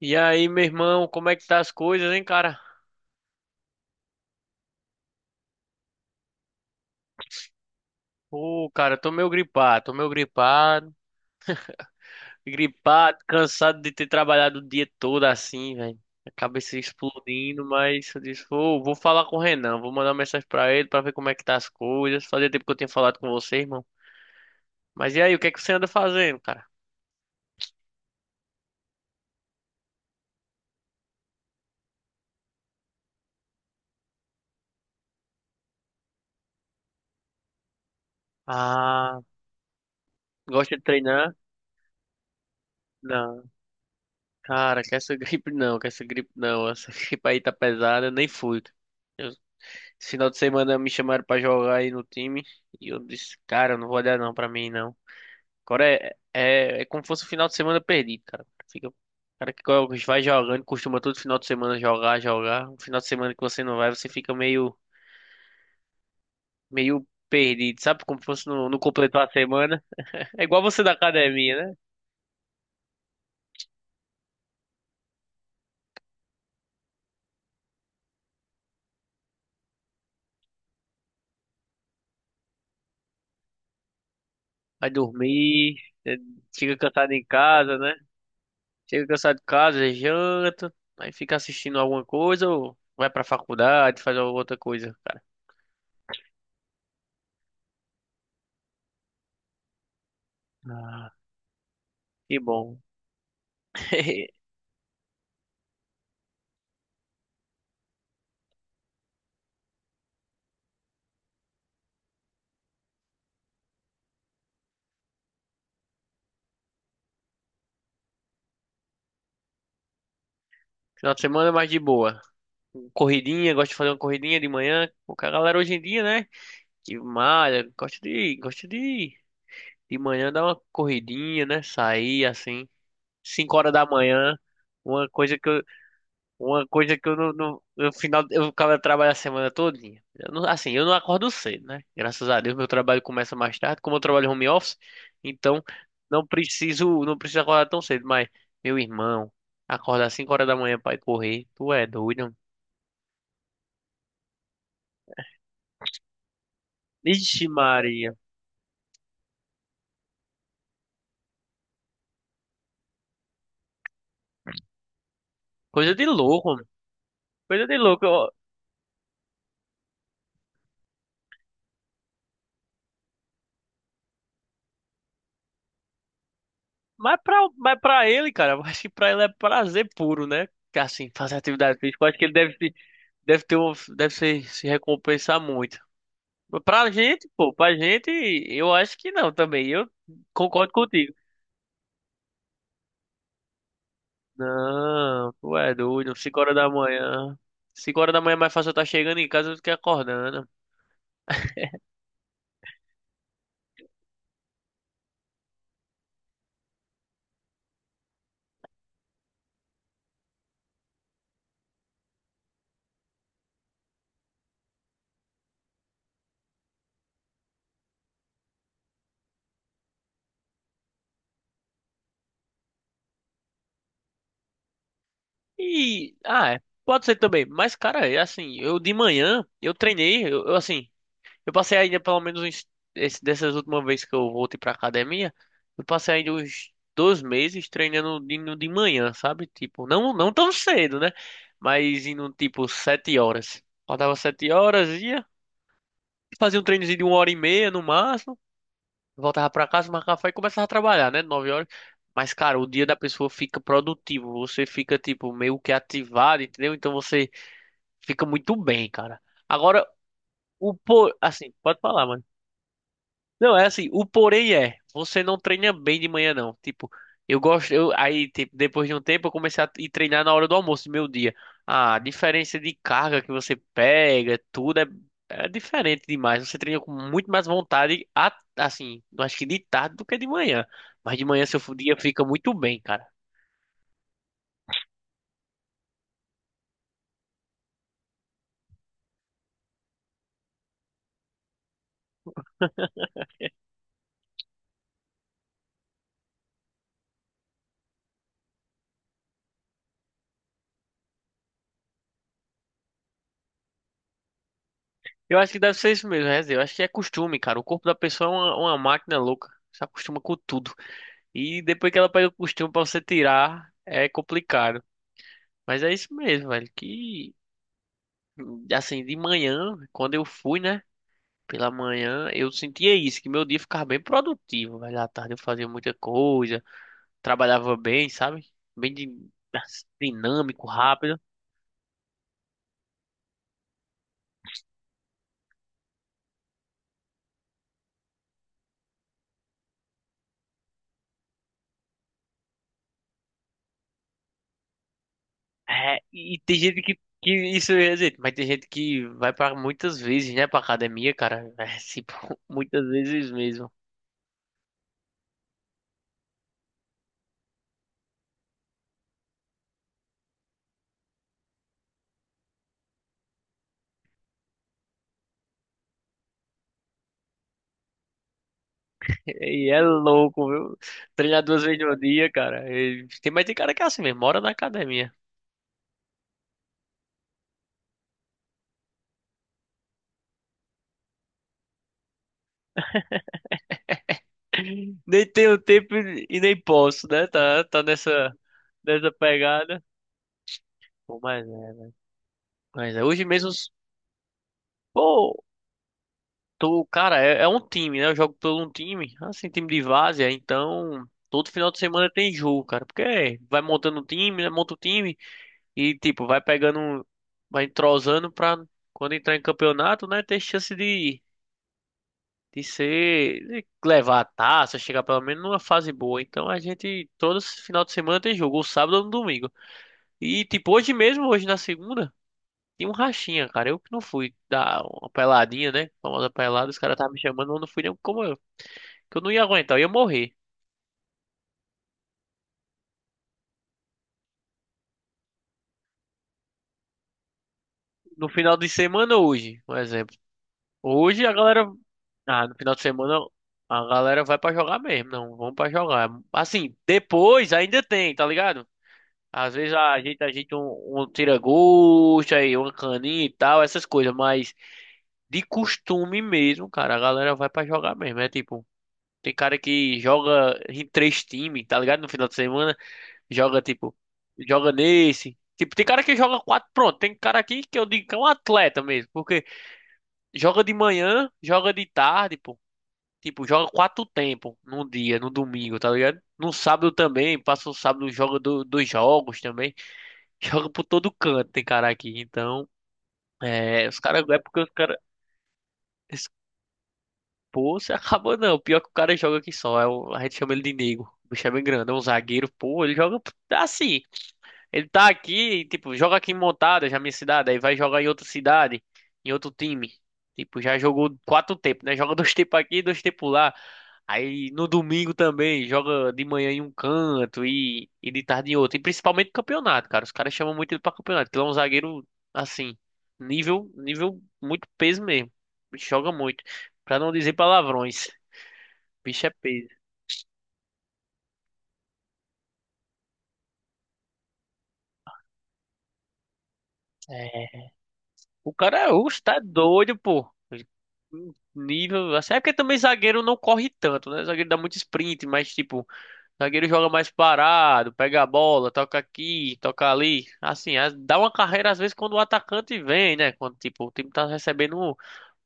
E aí, meu irmão, como é que tá as coisas, hein, cara? Ô, cara, tô meio gripado, cansado de ter trabalhado o dia todo assim, velho. A cabeça explodindo, mas eu disse, vou falar com o Renan, vou mandar uma mensagem pra ele pra ver como é que tá as coisas. Fazia tempo que eu tinha falado com você, irmão. Mas e aí, o que é que você anda fazendo, cara? Ah, gosta de treinar? Não, cara, que essa gripe não, essa gripe aí tá pesada, eu nem fui. Esse final de semana me chamaram pra jogar aí no time e eu disse, cara, eu não vou olhar não pra mim não. Agora é como se fosse um final de semana perdido, cara. Fica, o cara que vai jogando, costuma todo final de semana jogar, jogar. Um final de semana que você não vai, você fica meio perdido, sabe? Como se fosse não completou a semana. É igual você da academia, né? Vai dormir, é, chega cansado em casa, né? Chega cansado de casa, janta, aí fica assistindo alguma coisa ou vai pra faculdade, faz alguma outra coisa, cara. Que bom. Final de semana é mais de boa. Corridinha, gosto de fazer uma corridinha de manhã. O cara, a galera hoje em dia, né? Que malha, gosta de de manhã dar uma corridinha, né? Sair assim, 5 horas da manhã. Uma coisa que eu, Uma coisa que eu no final eu acabo trabalho a semana todinha. Eu não- assim, eu não acordo cedo, né? Graças a Deus, meu trabalho começa mais tarde, como eu trabalho home office, então não preciso acordar tão cedo, mas meu irmão, acordar 5 horas da manhã pra ir correr, tu é doido, mano. Ixi, Maria. Coisa de louco, mano. Coisa de louco, ó. Mas pra ele, cara, eu acho que pra ele é prazer puro, né? Que assim, fazer atividade física, eu acho que ele deve, deve ter deve se recompensar muito. Pra gente, eu acho que não também. Eu concordo contigo. Não, tu é doido. 5 horas da manhã. 5 horas da manhã é mais fácil eu estar chegando em casa do que acordando. E, ah, é, pode ser também. Mas, cara, é assim, eu de manhã, eu treinei, assim, eu passei ainda pelo dessas últimas vezes que eu voltei pra academia, eu passei ainda uns 2 meses treinando de manhã, sabe? Tipo, não tão cedo, né? Mas indo tipo 7 horas. Faltava 7 horas, ia, fazia um treinozinho de uma hora e meia no máximo, voltava pra casa, tomava café e começava a trabalhar, né? 9 horas. Mas, cara, o dia da pessoa fica produtivo, você fica, tipo, meio que ativado, entendeu? Então você fica muito bem, cara. Agora, assim, pode falar, mano. Não, é assim, o porém é, você não treina bem de manhã não. Tipo, eu gosto, eu aí tipo, depois de um tempo eu comecei a ir treinar na hora do almoço do meu dia. A diferença de carga que você pega, tudo é diferente demais. Você treina com muito mais vontade, assim, eu acho que de tarde do que de manhã. Mas de manhã seu dia fica muito bem, cara. Eu acho que deve ser isso mesmo, Rez. Eu acho que é costume, cara. O corpo da pessoa é uma máquina louca. Se acostuma com tudo. E depois que ela pega o costume pra você tirar, é complicado. Mas é isso mesmo, velho. Que assim, de manhã, quando eu fui, né? Pela manhã, eu sentia isso, que meu dia ficava bem produtivo, velho. À tarde eu fazia muita coisa, trabalhava bem, sabe? Bem assim, dinâmico, rápido. É, e tem gente que isso é gente, mas tem gente que vai para muitas vezes, né, pra academia, cara. É, tipo, muitas vezes mesmo. E é louco, viu? Treinar 2 vezes no dia, cara. E tem, mas tem cara que é assim mesmo, mora na academia. Nem tenho tempo e nem posso, né? Tá nessa pegada. Pô, mas é. Mas é. Hoje mesmo, pô, tô, cara, é um time, né? Eu jogo por um time, assim, time de várzea, então todo final de semana tem jogo, cara. Porque é, vai montando um time, né? Monta o time e, tipo, vai pegando, vai entrosando pra quando entrar em campeonato, né? Ter chance de ser, de levar a taça, chegar pelo menos numa fase boa. Então a gente, todo final de semana tem jogo, ou sábado ou no domingo. E, tipo, hoje mesmo, hoje na segunda, tinha um rachinha, cara. Eu que não fui dar uma peladinha, né? Famosa pelada, os caras estavam me chamando, eu não fui nem como eu. Que eu não ia aguentar, eu ia morrer. No final de semana, hoje, por exemplo. Hoje a galera. Ah, no final de semana a galera vai pra jogar mesmo. Não, vamos pra jogar. Assim, depois ainda tem, tá ligado? Às vezes a gente um tira-gosto aí, uma caninha e tal, essas coisas, mas de costume mesmo, cara, a galera vai pra jogar mesmo. É tipo. Tem cara que joga em 3 times, tá ligado? No final de semana, joga tipo, joga nesse. Tipo, tem cara que joga quatro, pronto. Tem cara aqui que eu digo que é um atleta mesmo, porque joga de manhã, joga de tarde, pô. Tipo, joga 4 tempos num dia, no domingo, tá ligado? No sábado também, passa o sábado, joga 2 jogos também. Joga por todo canto, tem cara aqui. Então, é, os caras, é porque os caras. Pô, você acabou não. Pior que o cara joga aqui só. A gente chama ele de Nego. O bicho é bem grande, é um zagueiro. Pô, ele joga assim. Ele tá aqui, tipo, joga aqui em Montada, já minha cidade. Aí vai jogar em outra cidade, em outro time. Tipo, já jogou 4 tempos, né? Joga 2 tempos aqui, 2 tempos lá. Aí no domingo também, joga de manhã em um canto e de tarde em outro. E principalmente campeonato, cara. Os caras chamam muito ele pra campeonato, porque ele é um zagueiro, assim, nível muito peso mesmo. O bicho joga muito. Pra não dizer palavrões. Bicho é peso. É. O cara, oxe, tá doido, pô. Nível, assim, é porque também zagueiro não corre tanto, né? Zagueiro dá muito sprint, mas tipo, zagueiro joga mais parado, pega a bola, toca aqui, toca ali. Assim, dá uma carreira às vezes quando o atacante vem, né? Quando tipo, o time tá recebendo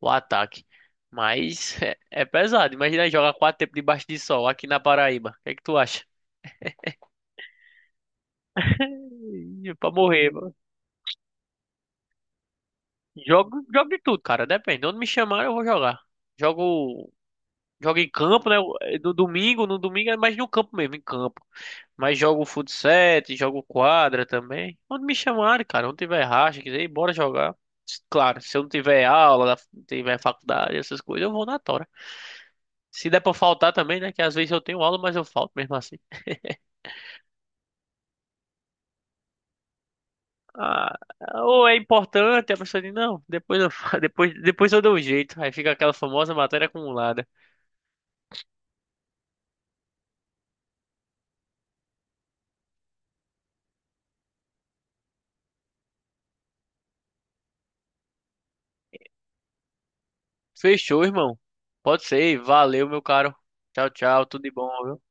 o ataque. Mas é pesado. Imagina jogar 4 tempos debaixo de sol aqui na Paraíba. O que é que tu acha? Pra morrer. Jogo, jogo de tudo, cara. Depende. Onde me chamarem, eu vou jogar. Jogo, jogo em campo, né? No domingo é mais no campo mesmo, em campo. Mas jogo futsal, jogo quadra também. Onde me chamarem, cara. Onde tiver racha, quiser ir, bora jogar. S- Claro, se eu não tiver aula, não tiver faculdade, essas coisas, eu vou na tora. Se der pra faltar também, né? Que às vezes eu tenho aula, mas eu falto mesmo assim. Ah, ou é importante, a pessoa diz, não, depois eu, depois eu dou um jeito. Aí fica aquela famosa matéria acumulada. Fechou, irmão. Pode ser. Valeu, meu caro. Tchau, tchau. Tudo de bom, viu?